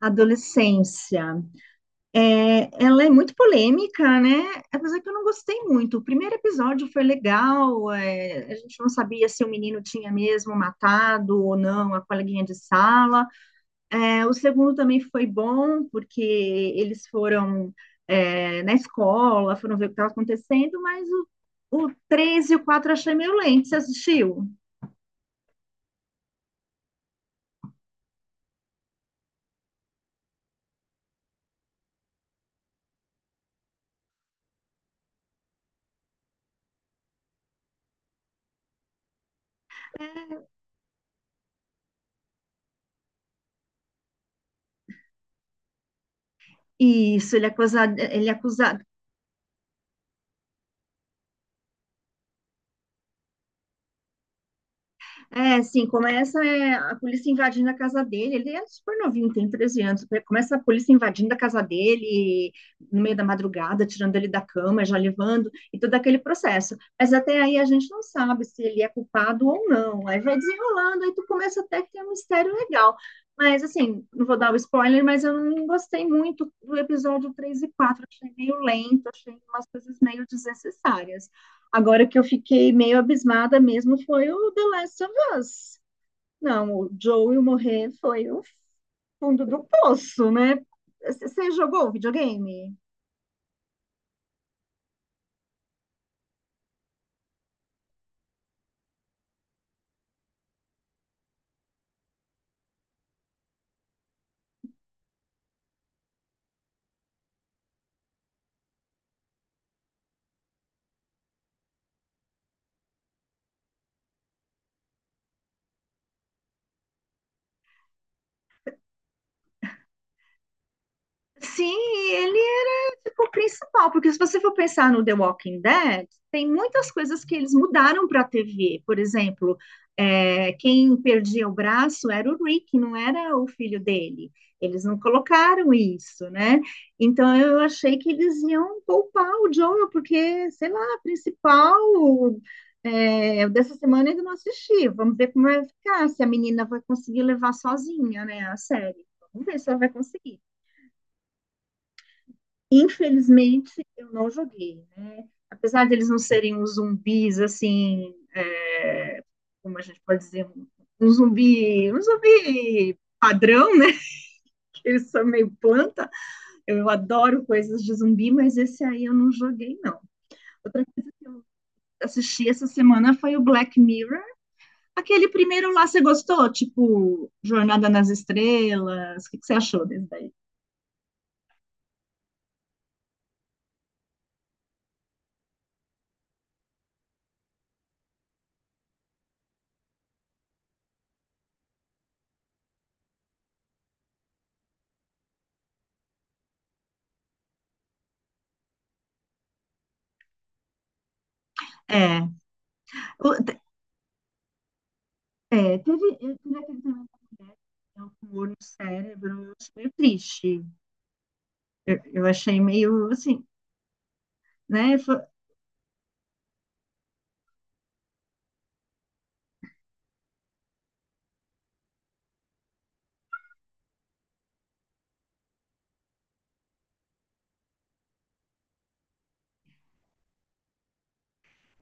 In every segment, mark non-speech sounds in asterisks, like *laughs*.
Adolescência. Ela é muito polêmica, né? Apesar que eu não gostei muito. O primeiro episódio foi legal, a gente não sabia se o menino tinha mesmo matado ou não a coleguinha de sala. É, o segundo também foi bom, porque eles foram na escola, foram ver o que estava acontecendo, mas o 3 e o 4 achei meio lento, você assistiu? Isso, ele é acusado, É, sim, começa a polícia invadindo a casa dele. Ele é super novinho, tem 13 anos, né? Começa a polícia invadindo a casa dele no meio da madrugada, tirando ele da cama, já levando, e todo aquele processo. Mas até aí a gente não sabe se ele é culpado ou não. Aí vai desenrolando, aí tu começa, até que tem um mistério legal. Mas, assim, não vou dar o spoiler, mas eu não gostei muito do episódio 3 e 4. Achei meio lento, achei umas coisas meio desnecessárias. Agora que eu fiquei meio abismada mesmo foi o The Last, mas, não, o Joel morrer foi o fundo do poço, né? Você jogou videogame? Sim, ele era tipo o principal, porque se você for pensar no The Walking Dead, tem muitas coisas que eles mudaram para a TV. Por exemplo, quem perdia o braço era o Rick, não era o filho dele. Eles não colocaram isso, né? Então eu achei que eles iam poupar o Joel, porque, sei lá, a principal dessa semana eu ainda não assisti. Vamos ver como vai ficar, se a menina vai conseguir levar sozinha, né, a série. Vamos ver se ela vai conseguir. Infelizmente, eu não joguei, né? Apesar de eles não serem os zumbis, assim, como a gente pode dizer, um zumbi padrão, né? Que eles são meio planta. Eu adoro coisas de zumbi, mas esse aí eu não joguei, não. Outra coisa que eu assisti essa semana foi o Black Mirror. Aquele primeiro lá, você gostou? Tipo, Jornada nas Estrelas? O que, que você achou desse daí? É, é, teve, eu tive aquele também da mulher que tem um tumor no cérebro, eu achei meio triste. Eu achei meio assim, né?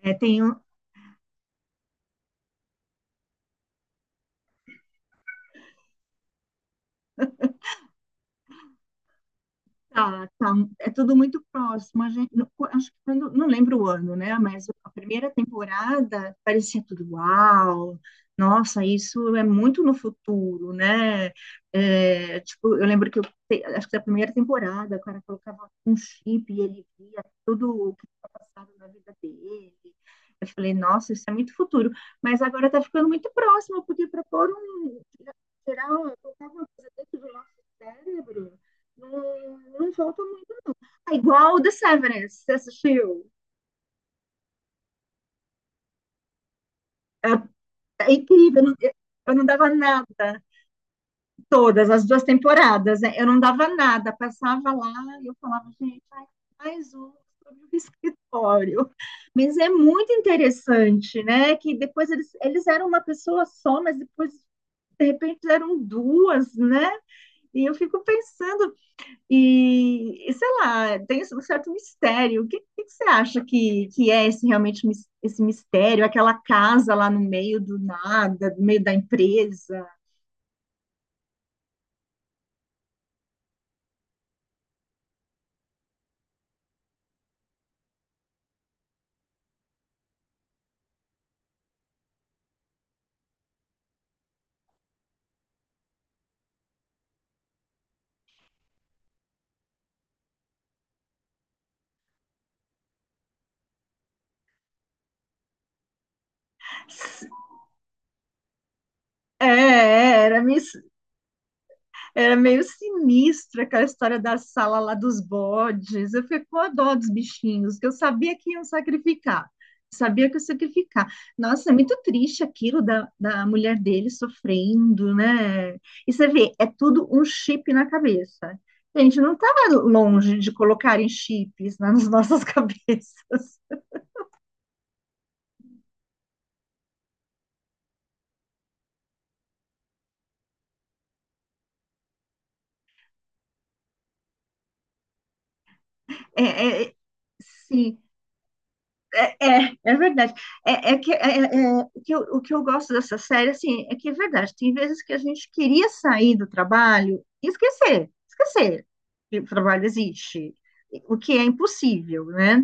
É, tem um, tá, tá. É tudo muito próximo. A gente, acho que quando, não lembro o ano, né? Mas a primeira temporada parecia tudo uau, nossa, isso é muito no futuro, né? É, tipo, eu lembro que eu, te- acho que da primeira temporada o cara colocava um chip e ele via tudo o que tinha passado na vida dele. Eu falei, nossa, isso é muito futuro. Mas agora tá ficando muito próximo, porque para tirar, colocar uma coisa dentro do nosso cérebro. Não, não volta muito, não. É igual o The Severance, você assistiu? É, é incrível, eu não dava nada, todas as duas temporadas, né? Eu não dava nada, passava lá e eu falava, gente, ai, mais um sobre o *laughs* escritório. Mas é muito interessante, né? Que depois eles eram uma pessoa só, mas depois, de repente, eram duas, né? E eu fico pensando, sei lá, tem um certo mistério. O que que você acha que é esse realmente esse mistério? Aquela casa lá no meio do nada, no meio da empresa? É, é, era mis- Era meio sinistra aquela história da sala lá dos bodes. Eu fiquei com a dó dos bichinhos, que eu sabia que iam sacrificar. Sabia que ia sacrificar. Nossa, é muito triste aquilo da mulher dele sofrendo, né? E você vê, é tudo um chip na cabeça. Gente, não estava longe de colocarem chips nas nossas *laughs* cabeças. É, é, sim, é, é verdade. É, é que, é- é- é, o que eu gosto dessa série, assim, é que é verdade. Tem vezes que a gente queria sair do trabalho e esquecer que o trabalho existe, o que é impossível, né?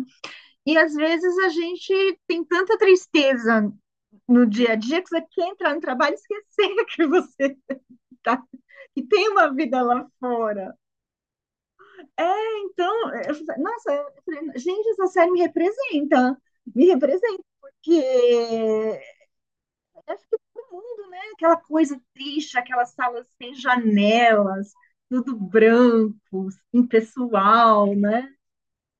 E às vezes a gente tem tanta tristeza no dia a dia que você quer entrar no trabalho e esquecer *laughs* que tá, que tem uma vida lá fora. É, então, eu falei, nossa, eu falei, gente, essa série me representa porque acho que todo mundo, né? Aquela coisa triste, aquelas salas sem janelas, tudo branco, impessoal, né?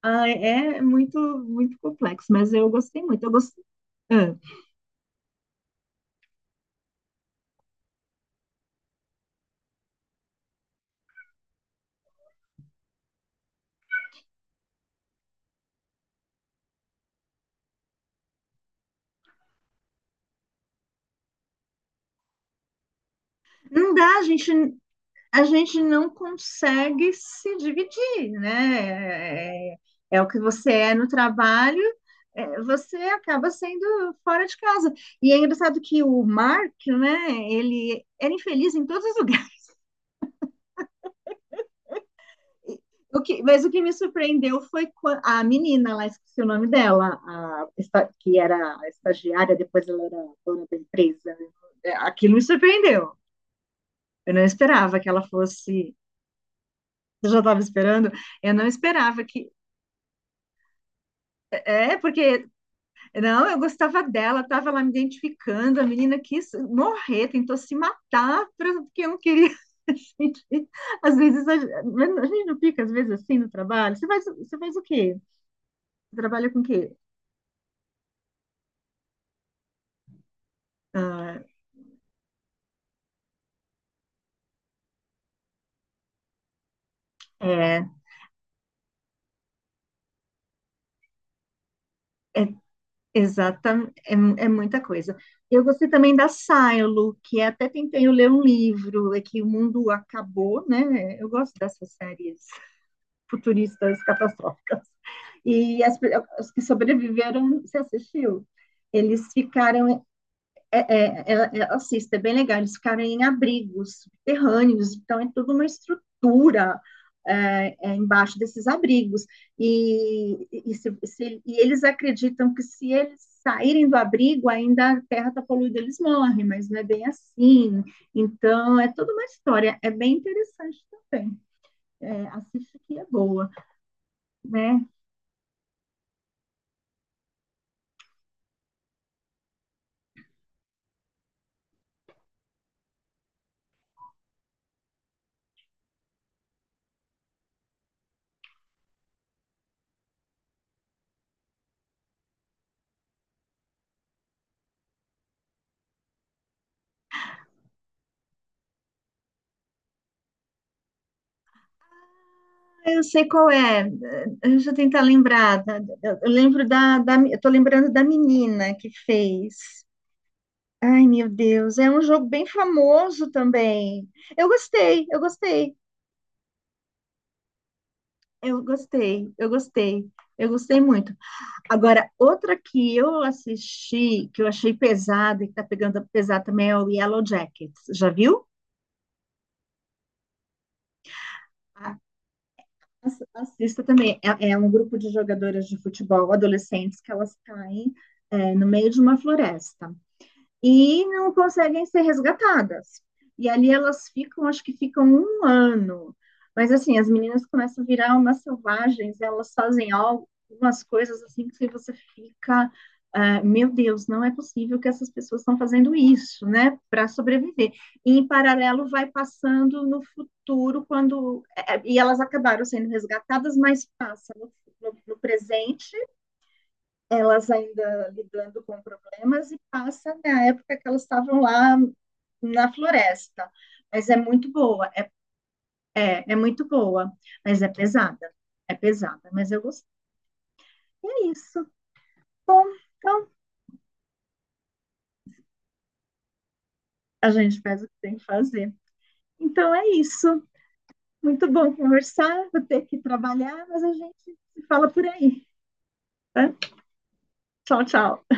Ah, é muito complexo, mas eu gostei muito. Eu gostei. É. Não dá, a gente não consegue se dividir, né? É, é o que você é no trabalho, é, você acaba sendo fora de casa. E é engraçado que o Mark, né? Ele era infeliz em todos os lugares. Mas o que me surpreendeu foi a menina lá, esqueci o nome dela, que era a estagiária, depois ela era dona da empresa, né? É, aquilo me surpreendeu. Eu não esperava que ela fosse. Você já estava esperando? Eu não esperava que. É, porque. Não, eu gostava dela, estava lá me identificando. A menina quis morrer, tentou se matar, porque eu não queria. *laughs* Gente, às vezes a gente não fica, às vezes, assim no trabalho. Você faz o quê? Você trabalha com o quê? Ah, é, é exatamente, é, é muita coisa. Eu gostei também da Silo, que até tentei ler um livro, é que o mundo acabou, né? Eu gosto dessas séries futuristas catastróficas. E as, pe- os que sobreviveram, você assistiu? Eles ficaram assista, é bem legal. Eles ficaram em abrigos subterrâneos, então é toda uma estrutura embaixo desses abrigos. E eles acreditam que se eles saírem do abrigo, ainda a terra está poluída, eles morrem, mas não é bem assim. Então, é toda uma história, é bem interessante também. É, assiste que é boa, né? Eu sei qual é. Deixa eu tentar lembrar, tá? Eu lembro eu tô lembrando da menina que fez. Ai, meu Deus, é um jogo bem famoso também. Eu gostei, eu gostei, eu gostei, eu gostei, eu gostei muito. Agora, outra que eu assisti, que eu achei pesada e que tá pegando pesado também é o Yellow Jackets. Já viu? Ah, assista também. É, é um grupo de jogadoras de futebol adolescentes que elas caem, é, no meio de uma floresta, e não conseguem ser resgatadas. E ali elas ficam, acho que ficam um ano. Mas assim, as meninas começam a virar umas selvagens, elas fazem algumas coisas assim que você fica, ah, meu Deus, não é possível que essas pessoas estão fazendo isso, né, para sobreviver. E em paralelo vai passando no futuro, e elas acabaram sendo resgatadas, mas passa no presente elas ainda lidando com problemas e passa na época que elas estavam lá na floresta. Mas é muito boa, é muito boa, mas é pesada, mas eu gostei. É isso. Bom, então a gente faz o que tem que fazer. Então é isso. Muito bom conversar, vou ter que trabalhar, mas a gente se fala por aí, tá? Tchau, tchau.